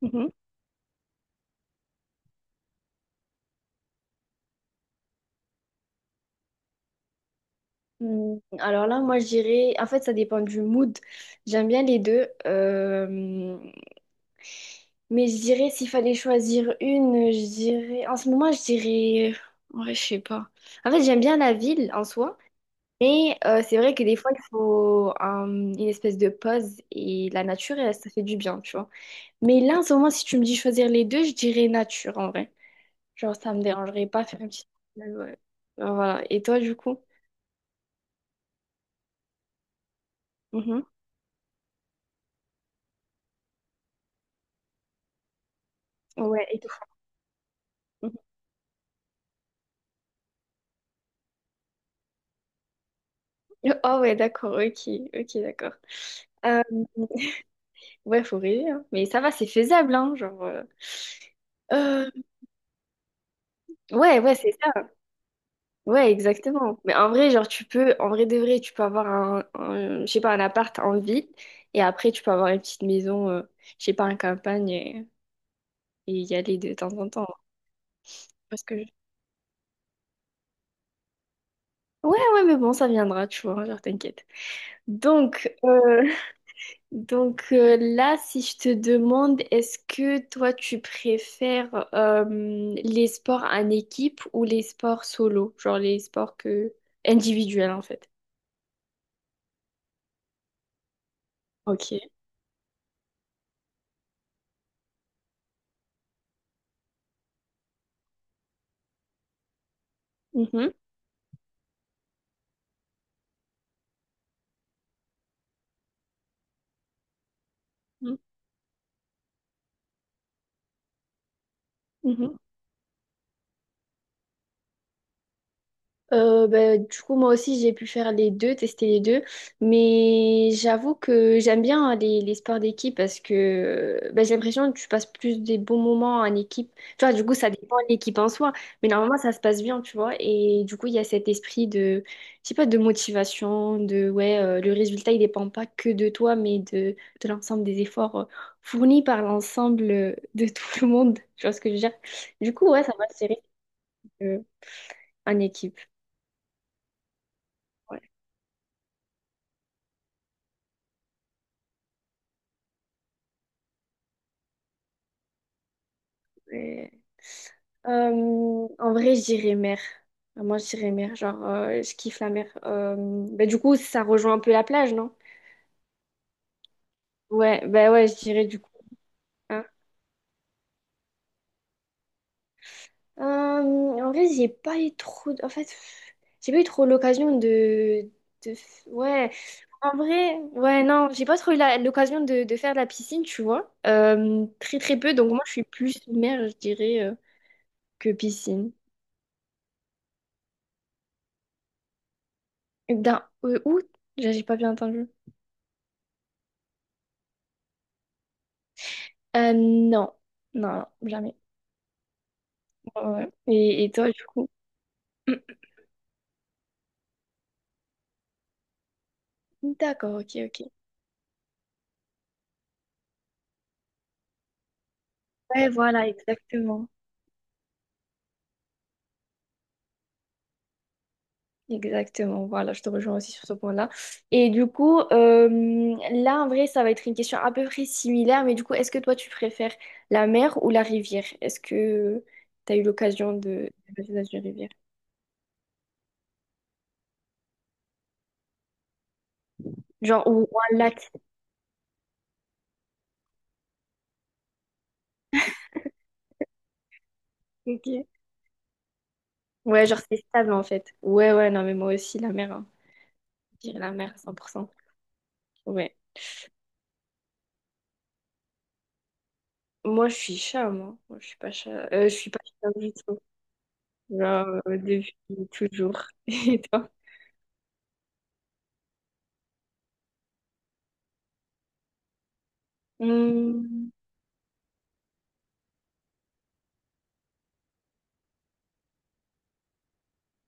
Mhm. Hmm, alors là, moi, je dirais, en fait, ça dépend du mood. J'aime bien les deux. Mais je dirais, s'il fallait choisir une, je dirais, en ce moment, je dirais, ouais, je sais pas. En fait, j'aime bien la ville en soi, mais c'est vrai que des fois, il faut une espèce de pause et la nature, elle, ça fait du bien, tu vois. Mais là, en ce moment, si tu me dis choisir les deux, je dirais nature en vrai. Genre, ça me dérangerait pas faire une petite. Ouais. Voilà. Et toi, du coup? Mhm. Ouais, et toi? Oh ouais, d'accord, ok, ok, d'accord. Euh, ouais, faut rêver, hein. Mais ça va, c'est faisable, hein, genre... euh, ouais, ouais, c'est ça. Ouais, exactement. Mais en vrai, genre, tu peux... En vrai de vrai, tu peux avoir je sais pas, un appart en ville, et après, tu peux avoir une petite maison, je sais pas, en campagne, et y aller de temps en temps, hein. Parce que... Ouais, ouais, mais bon, ça viendra, tu vois, genre, t'inquiète. Donc, euh, Donc là, si je te demande, est-ce que toi, tu préfères les sports en équipe ou les sports solo, genre les sports que individuels en fait? Ok. Mhm. Mhm. Ben, du coup, moi aussi, j'ai pu faire les deux, tester les deux. Mais j'avoue que j'aime bien, hein, les sports d'équipe parce que ben, j'ai l'impression que tu passes plus des bons moments en équipe. Tu vois, du coup, ça dépend de l'équipe en soi. Mais normalement, ça se passe bien, tu vois. Et du coup, il y a cet esprit de, je sais pas, de motivation, de, ouais, le résultat, il dépend pas que de toi, mais de l'ensemble des efforts fournis par l'ensemble de tout le monde. Tu vois ce que je veux dire? Du coup, ouais, ça va se gérer euh, en équipe. Ouais. Euh, en vrai, je dirais mer. Enfin, moi, je dirais mer. Genre, je kiffe la mer. Bah, du coup, ça rejoint un peu la plage, non? Ouais, bah ouais, je dirais du coup, hein. En vrai, j'ai pas eu trop. En fait, j'ai pas eu trop l'occasion de... de. Ouais, en vrai, ouais, non, j'ai pas trop eu l'occasion de faire de la piscine, tu vois. Très, très peu. Donc, moi, je suis plus mer, je dirais, que piscine. D'un. Où? J'ai pas bien entendu. Non, non, non, jamais. Ouais, ouais. Et toi, du coup? D'accord, ok, ok. Ouais, voilà, exactement. Exactement, voilà, je te rejoins aussi sur ce point-là. Et du coup, là, en vrai, ça va être une question à peu près similaire, mais du coup, est-ce que toi, tu préfères la mer ou la rivière? Est-ce que tu as eu l'occasion de passer dans une rivière? Genre, ou un lac. Ok. Ouais, genre, c'est stable, en fait. Ouais, ouais, non, mais moi aussi, la mer, hein. Je dirais la mer, à cent pour cent. Ouais. Moi, je suis chat, moi. Moi, je suis pas chat. Je suis pas chat du tout. Genre, depuis toujours. Et toi? Hmm,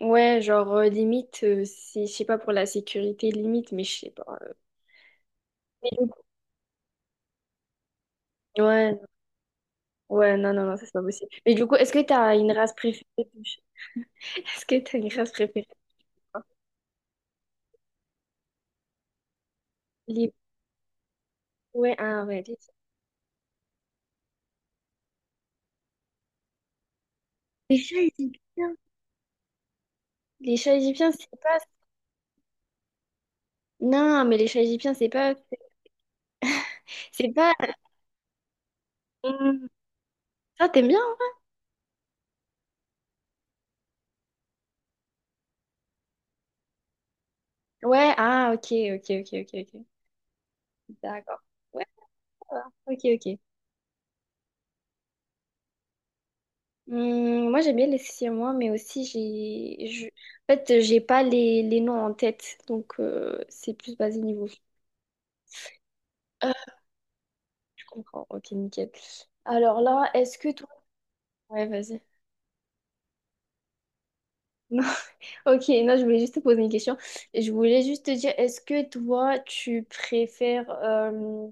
ouais, genre, limite, c'est, je sais pas, pour la sécurité, limite, mais je sais pas. Mais du coup- ouais, ouais, non, non, non, ça, c'est pas possible. Mais du coup, est-ce que t'as une race préférée de chat? Est-ce que t'as une race préférée, toi? Les... Ouais, ah, ouais, les chats. Les chats égyptiens. Les chats égyptiens, c'est pas... Non, mais les chats égyptiens, c'est pas... C'est pas... Hmm, ça, t'aimes bien, hein? Ouais, ah, ok, ok, ok, ok, ok. D'accord. Ouais, ça va. Ok, ok. Moi, j'aime bien les siamois, mais aussi, en fait, j'ai pas les, les noms en tête, donc c'est plus basé niveau. Euh, je comprends. Ok, nickel. Alors là, est-ce que toi... Ouais, vas-y. Non. Ok, non, je voulais juste te poser une question. Je voulais juste te dire, est-ce que toi, tu préfères...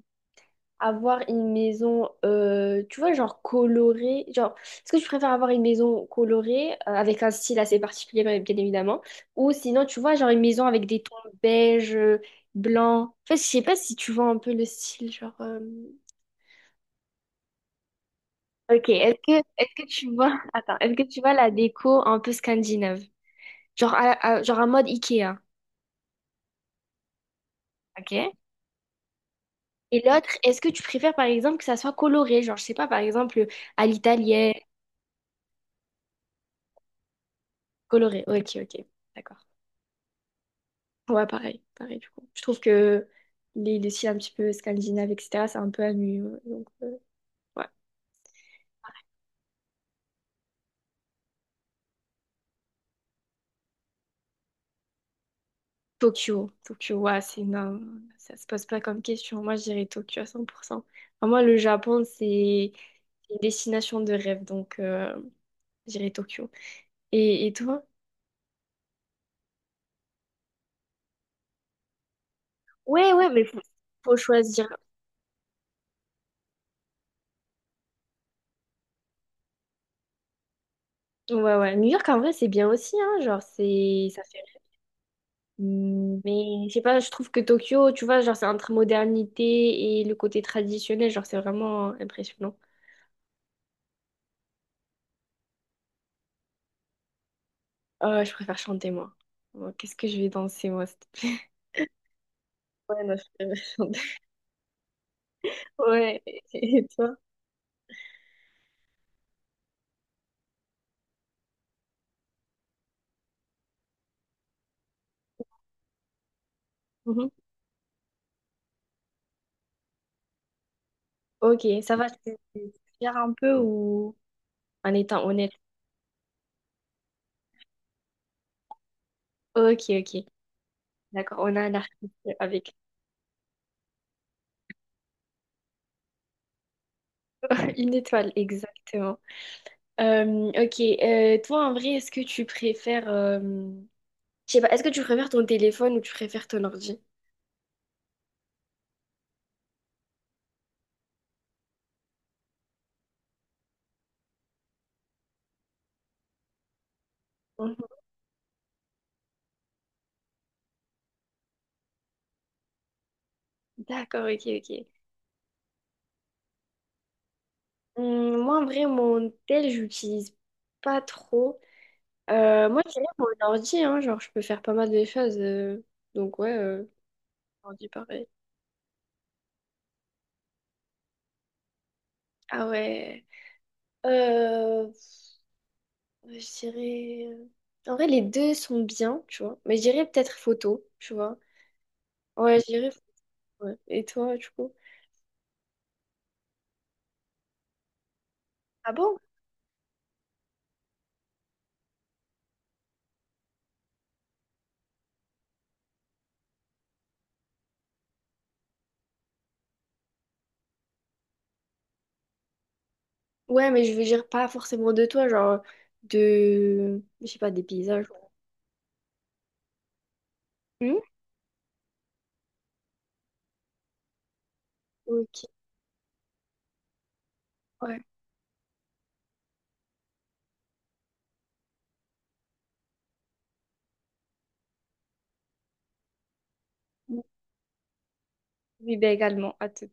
avoir une maison, tu vois, genre colorée. Genre, est-ce que tu préfères avoir une maison colorée, avec un style assez particulier, bien bien évidemment, ou sinon, tu vois, genre une maison avec des tons beige, blanc. En fait, je sais pas si tu vois un peu le style, genre. Ok, est-ce que tu vois, attends, est-ce que tu vois la déco un peu scandinave? Genre, genre un mode Ikea, ok? Et l'autre, est-ce que tu préfères par exemple que ça soit coloré? Genre, je sais pas, par exemple, à l'italienne, coloré. Ok, ok, d'accord. Ouais, pareil, pareil, du coup. Je trouve que les styles un petit peu scandinaves, etc., c'est un peu ennuyeux. Donc, ouais. Tokyo, Tokyo, ouais, c'est non, ça se pose pas comme question. Moi, je dirais Tokyo à cent pour cent. Enfin, moi, le Japon, c'est une destination de rêve, donc je dirais Tokyo. Et toi? Ouais, ouais, mais faut, faut choisir. Ouais, ouais. New York, en vrai, c'est bien aussi, hein. Genre, c'est, ça fait mm, mais je sais pas, je trouve que Tokyo, tu vois, genre c'est entre modernité et le côté traditionnel, genre c'est vraiment impressionnant. Je préfère chanter moi. Moi, qu'est-ce que je vais danser moi? S'il te plaît. Ouais, non, je préfère chanter. Ouais, et toi? Mhm. Ok, ça va, tu gères un peu ou en étant honnête? Ok, ok. D'accord, on a un artiste avec une étoile, exactement. Ok, toi en vrai, est-ce que tu préfères, je sais pas, est-ce que tu préfères ton téléphone ou tu préfères ton ordi? Mhm. D'accord, ok, ok. Moi, en vrai, mon tel, j'utilise pas trop. Moi, je dirais mon ordi, hein, genre, je peux faire pas mal de choses. Donc, ouais, ordi pareil. Ah ouais. Euh, je dirais... en vrai, les deux sont bien, tu vois. Mais je dirais peut-être photo, tu vois. Ouais, je dirais... photo, ouais. Et toi, du coup? Ah bon? Ouais, mais je veux dire pas forcément de toi, genre de... Je sais pas, des paysages. Ok. Ouais. Oui, bah également. À tout.